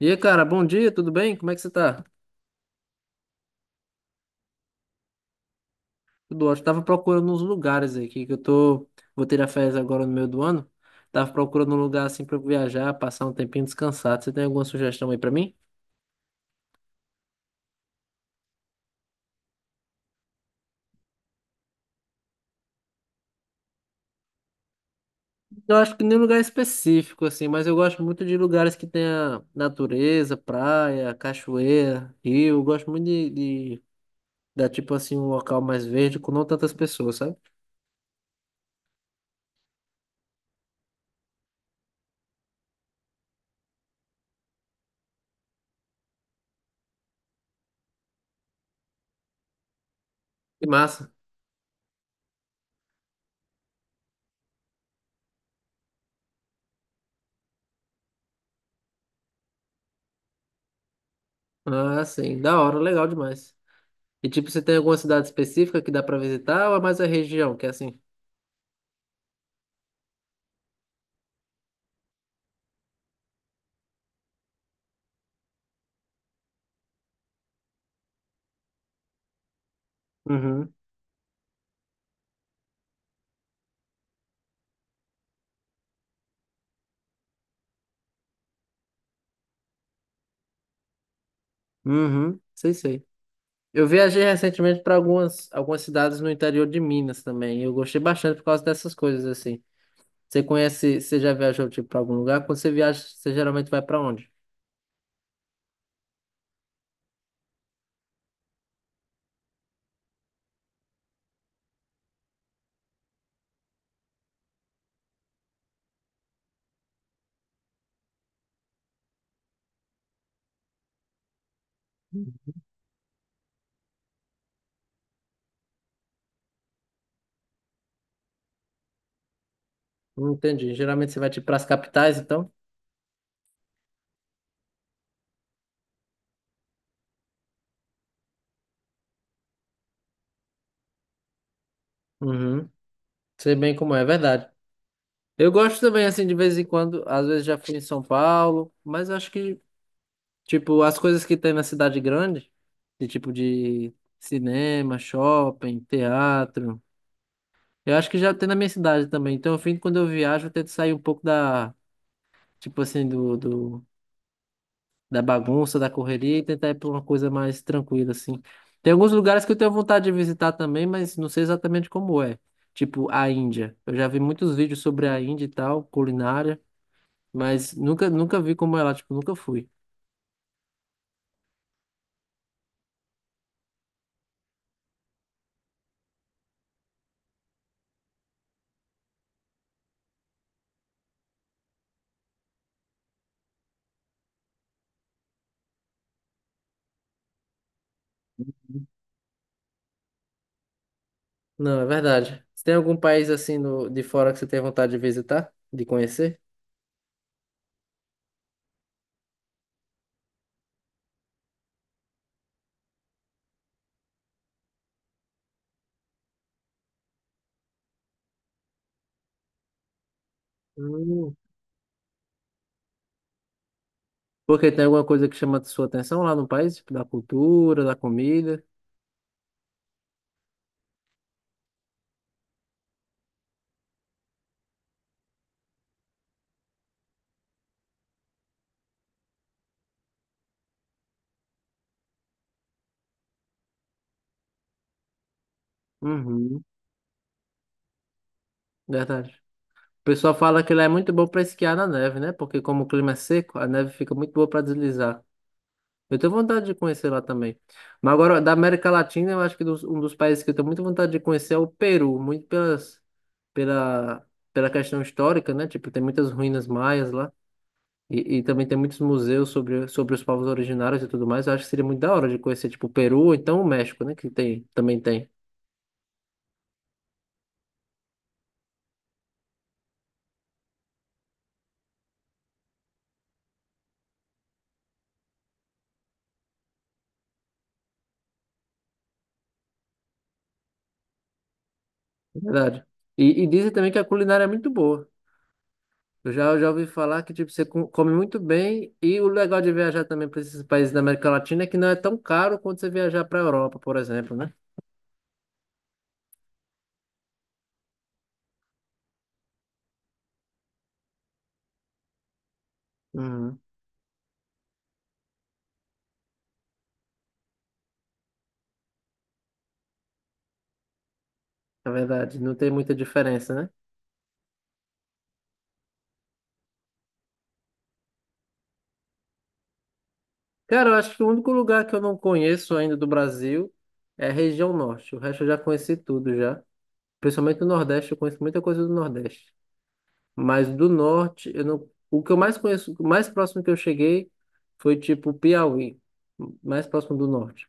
E aí, cara, bom dia, tudo bem? Como é que você tá? Tudo ótimo. Tava procurando uns lugares aqui, que eu tô... Vou tirar férias agora no meio do ano. Tava procurando um lugar assim pra eu viajar, passar um tempinho descansado. Você tem alguma sugestão aí pra mim? Eu acho que nem lugar específico, assim, mas eu gosto muito de lugares que tenha natureza, praia, cachoeira, rio. Eu gosto muito de dar, tipo assim, um local mais verde com não tantas pessoas, sabe? Que massa. Ah, sim, da hora, legal demais. E tipo, você tem alguma cidade específica que dá pra visitar ou é mais a região, que é assim? Uhum. Uhum. Sei, sei. Eu viajei recentemente para algumas cidades no interior de Minas também. E eu gostei bastante por causa dessas coisas assim. Você conhece, você já viajou tipo para algum lugar? Quando você viaja, você geralmente vai para onde? Não entendi. Geralmente você vai tipo para as capitais, então? Uhum. Sei bem como é, é verdade. Eu gosto também assim de vez em quando, às vezes já fui em São Paulo, mas eu acho que tipo, as coisas que tem na cidade grande, de tipo de cinema, shopping, teatro. Eu acho que já tem na minha cidade também. Então, eu fim, quando eu viajo, eu tento sair um pouco da, tipo assim, do da bagunça, da correria e tentar ir pra uma coisa mais tranquila, assim. Tem alguns lugares que eu tenho vontade de visitar também, mas não sei exatamente como é. Tipo, a Índia. Eu já vi muitos vídeos sobre a Índia e tal, culinária, mas nunca vi como é lá, tipo, nunca fui. Não, é verdade. Você tem algum país assim no, de fora que você tem vontade de visitar, de conhecer? Hum. Porque tem alguma coisa que chama sua atenção lá no país? Tipo, da cultura, da comida? Uhum, verdade. O pessoal fala que lá é muito bom para esquiar na neve, né? Porque como o clima é seco, a neve fica muito boa para deslizar. Eu tenho vontade de conhecer lá também. Mas agora, da América Latina, eu acho que um dos países que eu tenho muita vontade de conhecer é o Peru, muito pelas, pela, pela questão histórica, né? Tipo, tem muitas ruínas maias lá. E também tem muitos museus sobre os povos originários e tudo mais. Eu acho que seria muito da hora de conhecer, tipo, o Peru, ou então o México, né? Que tem, também tem. É verdade. E dizem também que a culinária é muito boa. Eu já ouvi falar que, tipo, você come muito bem. E o legal de viajar também para esses países da América Latina é que não é tão caro quanto você viajar para a Europa, por exemplo, né? Uhum. É verdade. Não tem muita diferença, né? Cara, eu acho que o único lugar que eu não conheço ainda do Brasil é a região norte. O resto eu já conheci tudo já. Principalmente no Nordeste, eu conheço muita coisa do Nordeste. Mas do Norte, eu não... o que eu mais conheço, o mais próximo que eu cheguei foi tipo Piauí, mais próximo do Norte.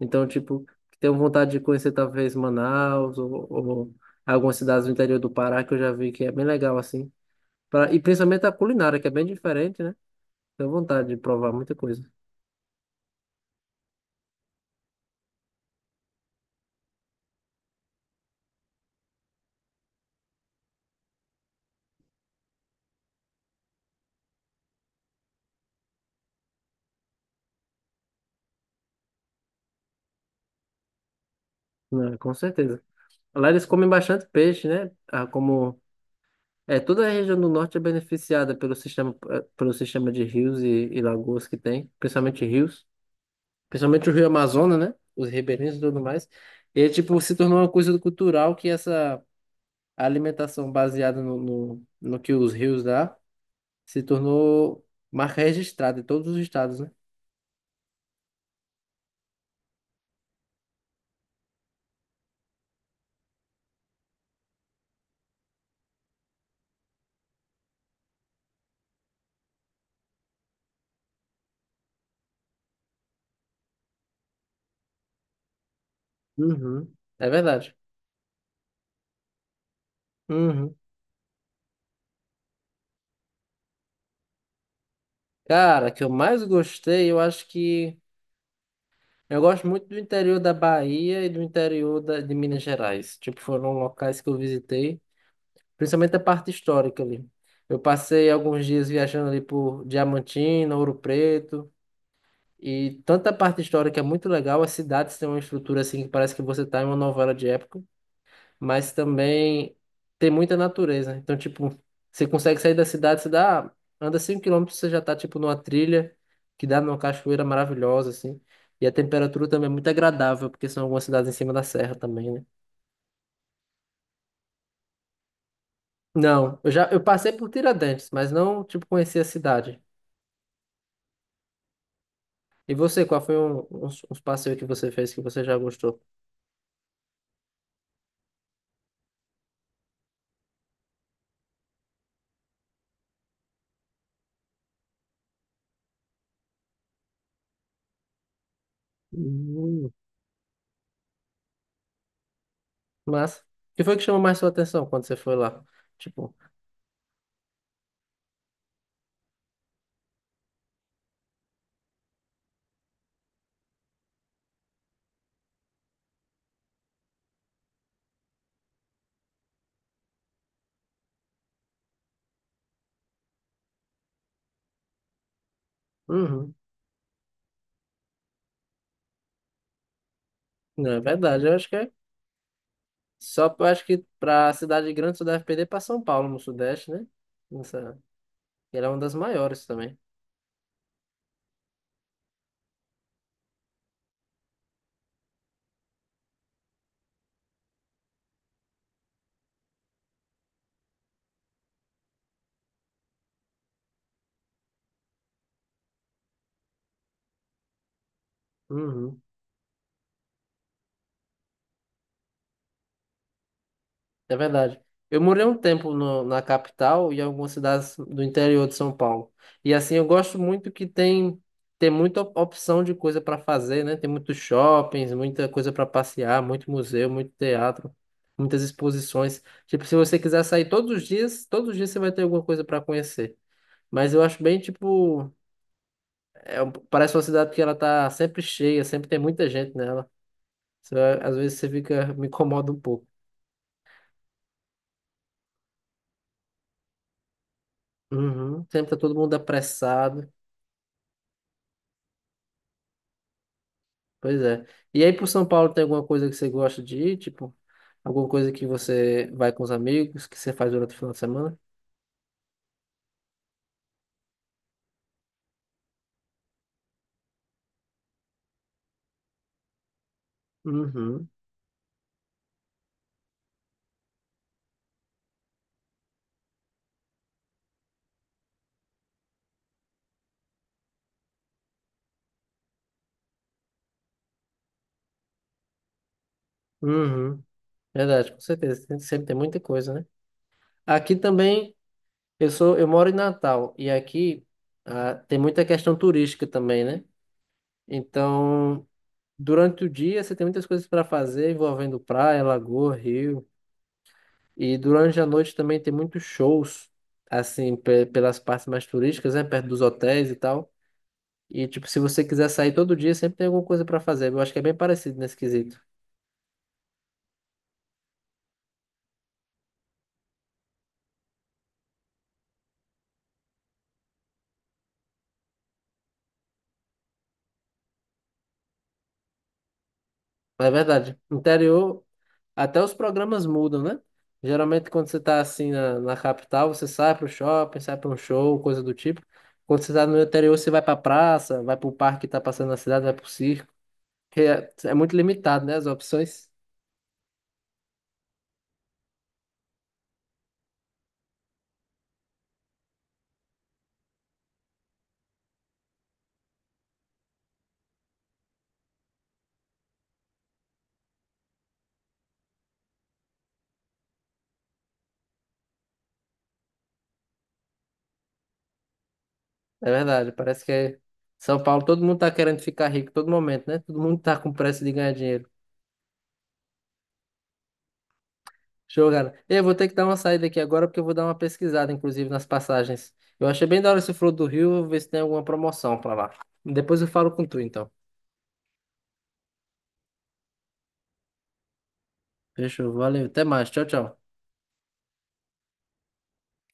Então, tipo, tenho vontade de conhecer talvez Manaus ou algumas cidades do interior do Pará que eu já vi que é bem legal assim. Pra... E principalmente a culinária, que é bem diferente, né? Tenho vontade de provar muita coisa. Não, com certeza. Lá eles comem bastante peixe, né? Ah, como é, toda a região do norte é beneficiada pelo sistema, pelo sistema de rios e lagoas que tem, principalmente rios, principalmente o Rio Amazonas, né? Os ribeirinhos e tudo mais. E, tipo, se tornou uma coisa cultural que essa alimentação baseada no que os rios dá se tornou marca registrada em todos os estados, né? Uhum. É verdade. Uhum. Cara, que eu mais gostei, eu acho que eu gosto muito do interior da Bahia e do interior da, de Minas Gerais. Tipo, foram locais que eu visitei principalmente a parte histórica ali. Eu passei alguns dias viajando ali por Diamantina, Ouro Preto, e tanta parte histórica é muito legal. As cidades têm uma estrutura assim que parece que você está em uma novela de época, mas também tem muita natureza. Então, tipo, você consegue sair da cidade, você dá, anda 5 km você já está tipo numa trilha que dá numa cachoeira maravilhosa assim. E a temperatura também é muito agradável, porque são algumas cidades em cima da serra também, né? Não, eu já eu passei por Tiradentes, mas não tipo conheci a cidade. E você, qual foi uns, uns passeios que você fez que você já gostou? Hum, mas, o que foi que chamou mais sua atenção quando você foi lá? Tipo, uhum, não é verdade, eu acho que é. Só eu acho que pra cidade grande você deve perder pra São Paulo, no Sudeste, né? Nossa, ela é uma das maiores também. Uhum. É verdade. Eu morei um tempo na capital e algumas cidades do interior de São Paulo. E assim, eu gosto muito que tem, tem muita opção de coisa para fazer, né? Tem muitos shoppings, muita coisa para passear, muito museu, muito teatro, muitas exposições. Tipo, se você quiser sair todos os dias você vai ter alguma coisa para conhecer. Mas eu acho bem, tipo, é, parece uma cidade que ela tá sempre cheia, sempre tem muita gente nela. Você, às vezes você fica, me incomoda um pouco. Uhum. Sempre tá todo mundo apressado. Pois é. E aí, por São Paulo, tem alguma coisa que você gosta de ir? Tipo, alguma coisa que você vai com os amigos, que você faz durante o final de semana? Uhum. Uhum. Verdade, com certeza. Tem- sempre tem muita coisa, né? Aqui também, eu sou, eu moro em Natal, e aqui ah, tem muita questão turística também, né? Então, durante o dia, você tem muitas coisas para fazer envolvendo praia, lagoa, rio. E durante a noite também tem muitos shows, assim, pelas partes mais turísticas, né? Perto dos hotéis e tal. E, tipo, se você quiser sair todo dia, sempre tem alguma coisa pra fazer. Eu acho que é bem parecido nesse quesito. Mas é verdade. Interior, até os programas mudam, né? Geralmente, quando você tá assim na, na capital, você sai pro shopping, sai pra um show, coisa do tipo. Quando você tá no interior, você vai pra praça, vai pro parque que tá passando na cidade, vai pro circo. Que é, é muito limitado, né? As opções. É verdade. Parece que é São Paulo, todo mundo tá querendo ficar rico todo momento, né? Todo mundo tá com pressa de ganhar dinheiro. Show, cara. Eu vou ter que dar uma saída aqui agora porque eu vou dar uma pesquisada, inclusive, nas passagens. Eu achei bem da hora esse Flor do Rio, vou ver se tem alguma promoção pra lá. Depois eu falo com tu, então. Fechou, valeu. Até mais. Tchau, tchau.